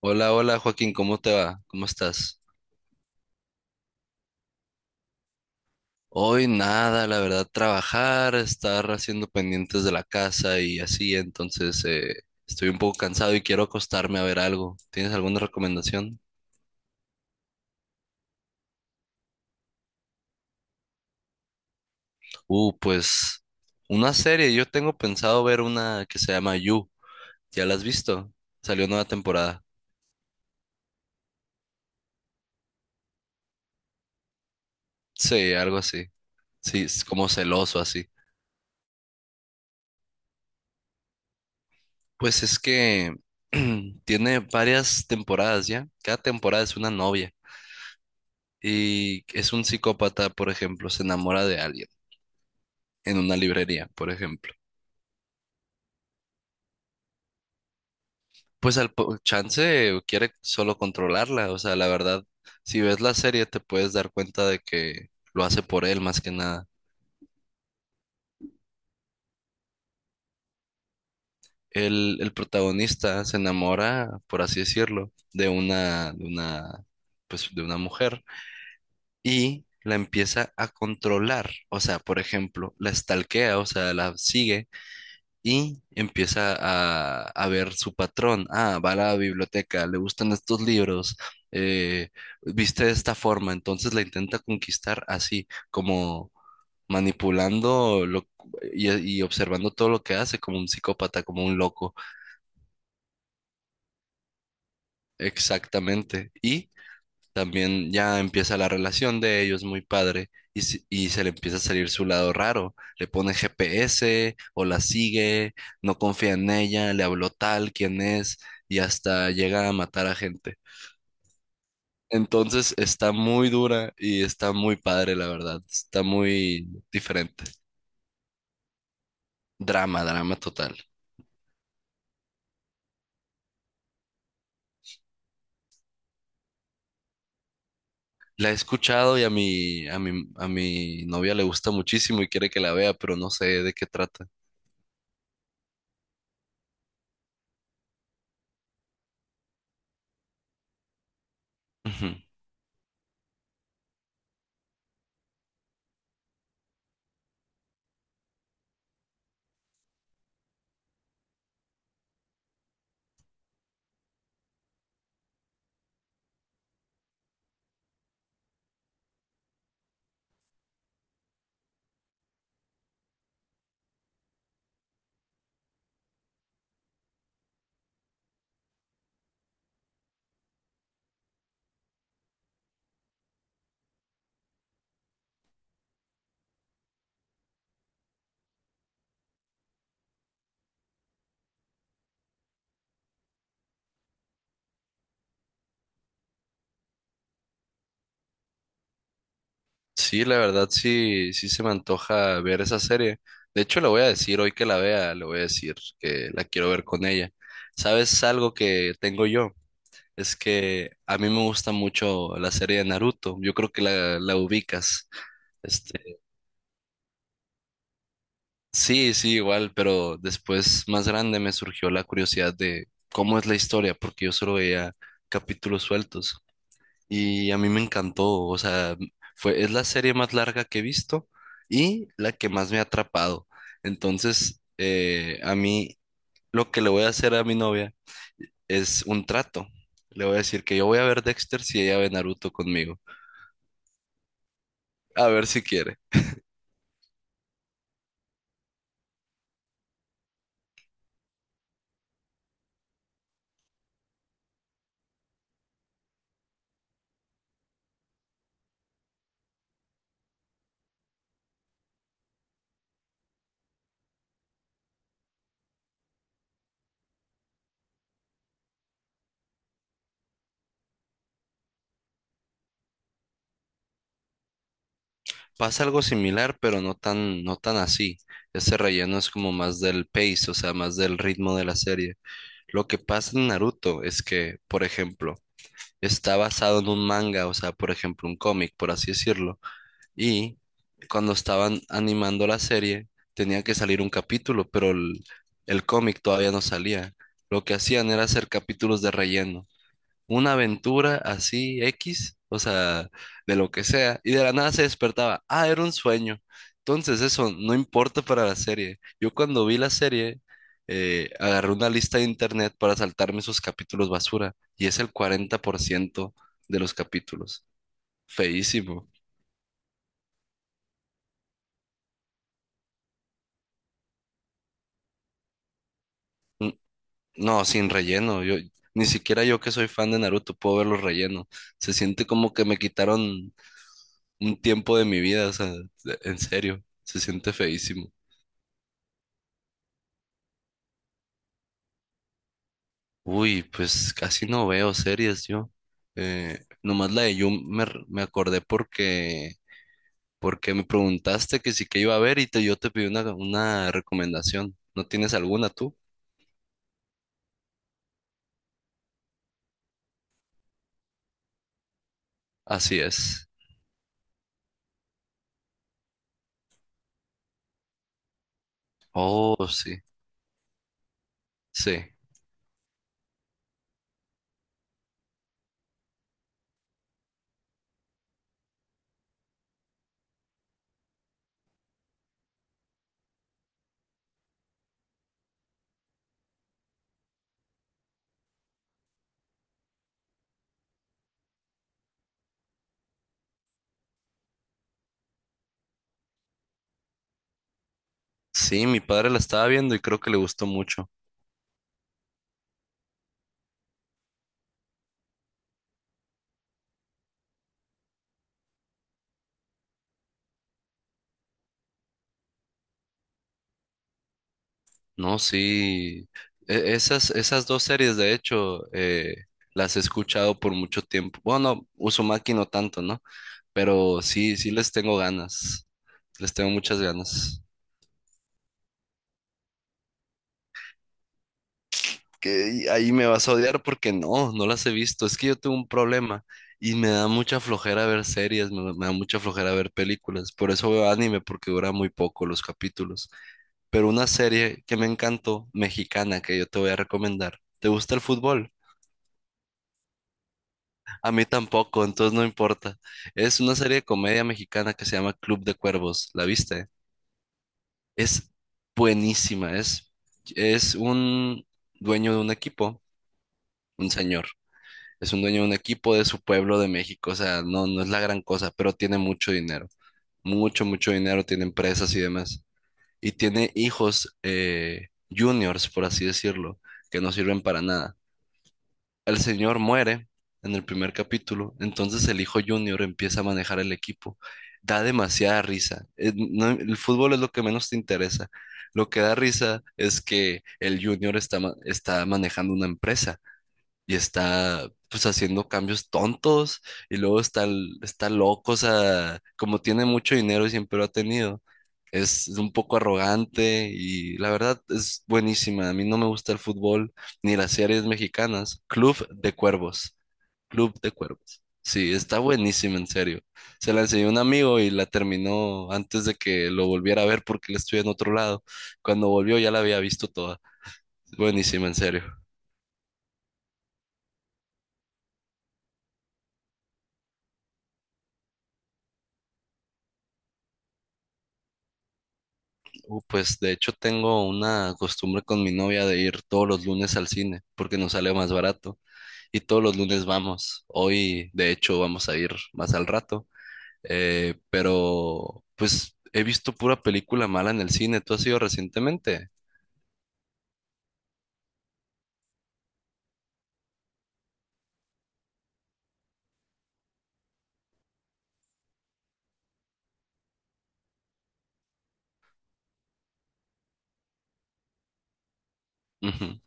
Hola, hola Joaquín, ¿cómo te va? ¿Cómo estás? Hoy nada, la verdad, trabajar, estar haciendo pendientes de la casa y así, entonces estoy un poco cansado y quiero acostarme a ver algo. ¿Tienes alguna recomendación? Pues una serie, yo tengo pensado ver una que se llama You, ¿ya la has visto? Salió nueva temporada. Sí, algo así. Sí, es como celoso así. Pues es que tiene varias temporadas ya, cada temporada es una novia. Y es un psicópata, por ejemplo, se enamora de alguien en una librería, por ejemplo. Pues chance quiere solo controlarla, o sea, la verdad, si ves la serie te puedes dar cuenta de que lo hace por él más que nada. El protagonista se enamora, por así decirlo, pues de una mujer y la empieza a controlar, o sea, por ejemplo, la stalkea, o sea, la sigue y empieza a ver su patrón. Ah, va a la biblioteca, le gustan estos libros, eh, viste de esta forma, entonces la intenta conquistar así, como manipulando lo, y, y observando todo lo que hace, como un psicópata, como un loco, exactamente. Y también ya empieza la relación de ellos muy padre y, y se le empieza a salir su lado raro. Le pone GPS o la sigue, no confía en ella, le habló tal, quién es y hasta llega a matar a gente. Entonces está muy dura y está muy padre, la verdad. Está muy diferente. Drama, drama total. La he escuchado y a mi novia le gusta muchísimo y quiere que la vea, pero no sé de qué trata. Ujú. Sí, la verdad sí, sí se me antoja ver esa serie. De hecho, le voy a decir hoy que la vea, le voy a decir que la quiero ver con ella. ¿Sabes algo que tengo yo? Es que a mí me gusta mucho la serie de Naruto. Yo creo que la ubicas. Este, sí, sí, igual, pero después más grande me surgió la curiosidad de cómo es la historia, porque yo solo veía capítulos sueltos. Y a mí me encantó, o sea, fue, es la serie más larga que he visto y la que más me ha atrapado. Entonces, a mí lo que le voy a hacer a mi novia es un trato. Le voy a decir que yo voy a ver Dexter si ella ve Naruto conmigo. A ver si quiere. Pasa algo similar, pero no tan así. Ese relleno es como más del pace, o sea, más del ritmo de la serie. Lo que pasa en Naruto es que, por ejemplo, está basado en un manga, o sea, por ejemplo, un cómic, por así decirlo. Y cuando estaban animando la serie, tenía que salir un capítulo, pero el cómic todavía no salía. Lo que hacían era hacer capítulos de relleno, una aventura así X, o sea, de lo que sea, y de la nada se despertaba, ah, era un sueño. Entonces eso no importa para la serie. Yo cuando vi la serie, agarré una lista de internet para saltarme esos capítulos basura, y es el 40% de los capítulos. Feísimo. N- No, sin relleno. Yo, ni siquiera yo que soy fan de Naruto puedo verlos relleno. Se siente como que me quitaron un tiempo de mi vida, o sea, en serio, se siente feísimo. Uy, pues casi no veo series yo. Nomás la de You me acordé porque, porque me preguntaste que sí que iba a ver y yo te pedí una recomendación. ¿No tienes alguna tú? Así es. Oh, sí, sí. Sí, mi padre la estaba viendo y creo que le gustó mucho. No, sí. Esas, esas dos series, de hecho, las he escuchado por mucho tiempo. Bueno, Uzumaki no tanto, ¿no? Pero sí, sí les tengo ganas. Les tengo muchas ganas. Que y ahí me vas a odiar porque no las he visto. Es que yo tengo un problema y me da mucha flojera ver series, me da mucha flojera ver películas. Por eso veo anime porque dura muy poco los capítulos. Pero una serie que me encantó, mexicana, que yo te voy a recomendar. ¿Te gusta el fútbol? A mí tampoco, entonces no importa. Es una serie de comedia mexicana que se llama Club de Cuervos. ¿La viste? Es buenísima, es un dueño de un equipo, un señor. Es un dueño de un equipo de su pueblo de México, o sea, no, no es la gran cosa, pero tiene mucho dinero, mucho, mucho dinero, tiene empresas y demás. Y tiene hijos, juniors, por así decirlo, que no sirven para nada. El señor muere en el primer capítulo, entonces el hijo Junior empieza a manejar el equipo. Da demasiada risa. Fútbol es lo que menos te interesa. Lo que da risa es que el Junior está manejando una empresa y está pues haciendo cambios tontos y luego está loco, o sea, como tiene mucho dinero y siempre lo ha tenido, es un poco arrogante y la verdad es buenísima. A mí no me gusta el fútbol ni las series mexicanas. Club de Cuervos, Club de Cuervos. Sí, está buenísima, en serio. Se la enseñó un amigo y la terminó antes de que lo volviera a ver porque él estuve en otro lado. Cuando volvió ya la había visto toda. Buenísima, en serio. Pues de hecho tengo una costumbre con mi novia de ir todos los lunes al cine porque nos sale más barato y todos los lunes vamos. Hoy de hecho vamos a ir más al rato, pero pues he visto pura película mala en el cine. ¿Tú has ido recientemente? Ujú.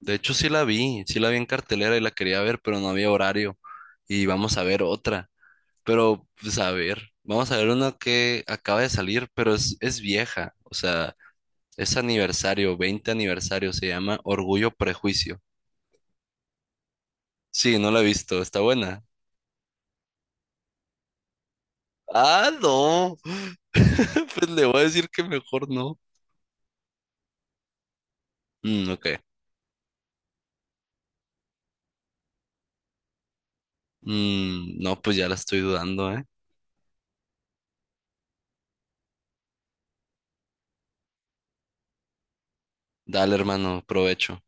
De hecho sí la vi en cartelera y la quería ver, pero no había horario y vamos a ver otra. Pero pues a ver, vamos a ver una que acaba de salir, pero es vieja, o sea... Es aniversario, 20 aniversario, se llama Orgullo Prejuicio. Sí, no la he visto, está buena. Ah, no. Pues le voy a decir que mejor no. Mm, ok. Mm, no, pues ya la estoy dudando, ¿eh? Dale, hermano, provecho.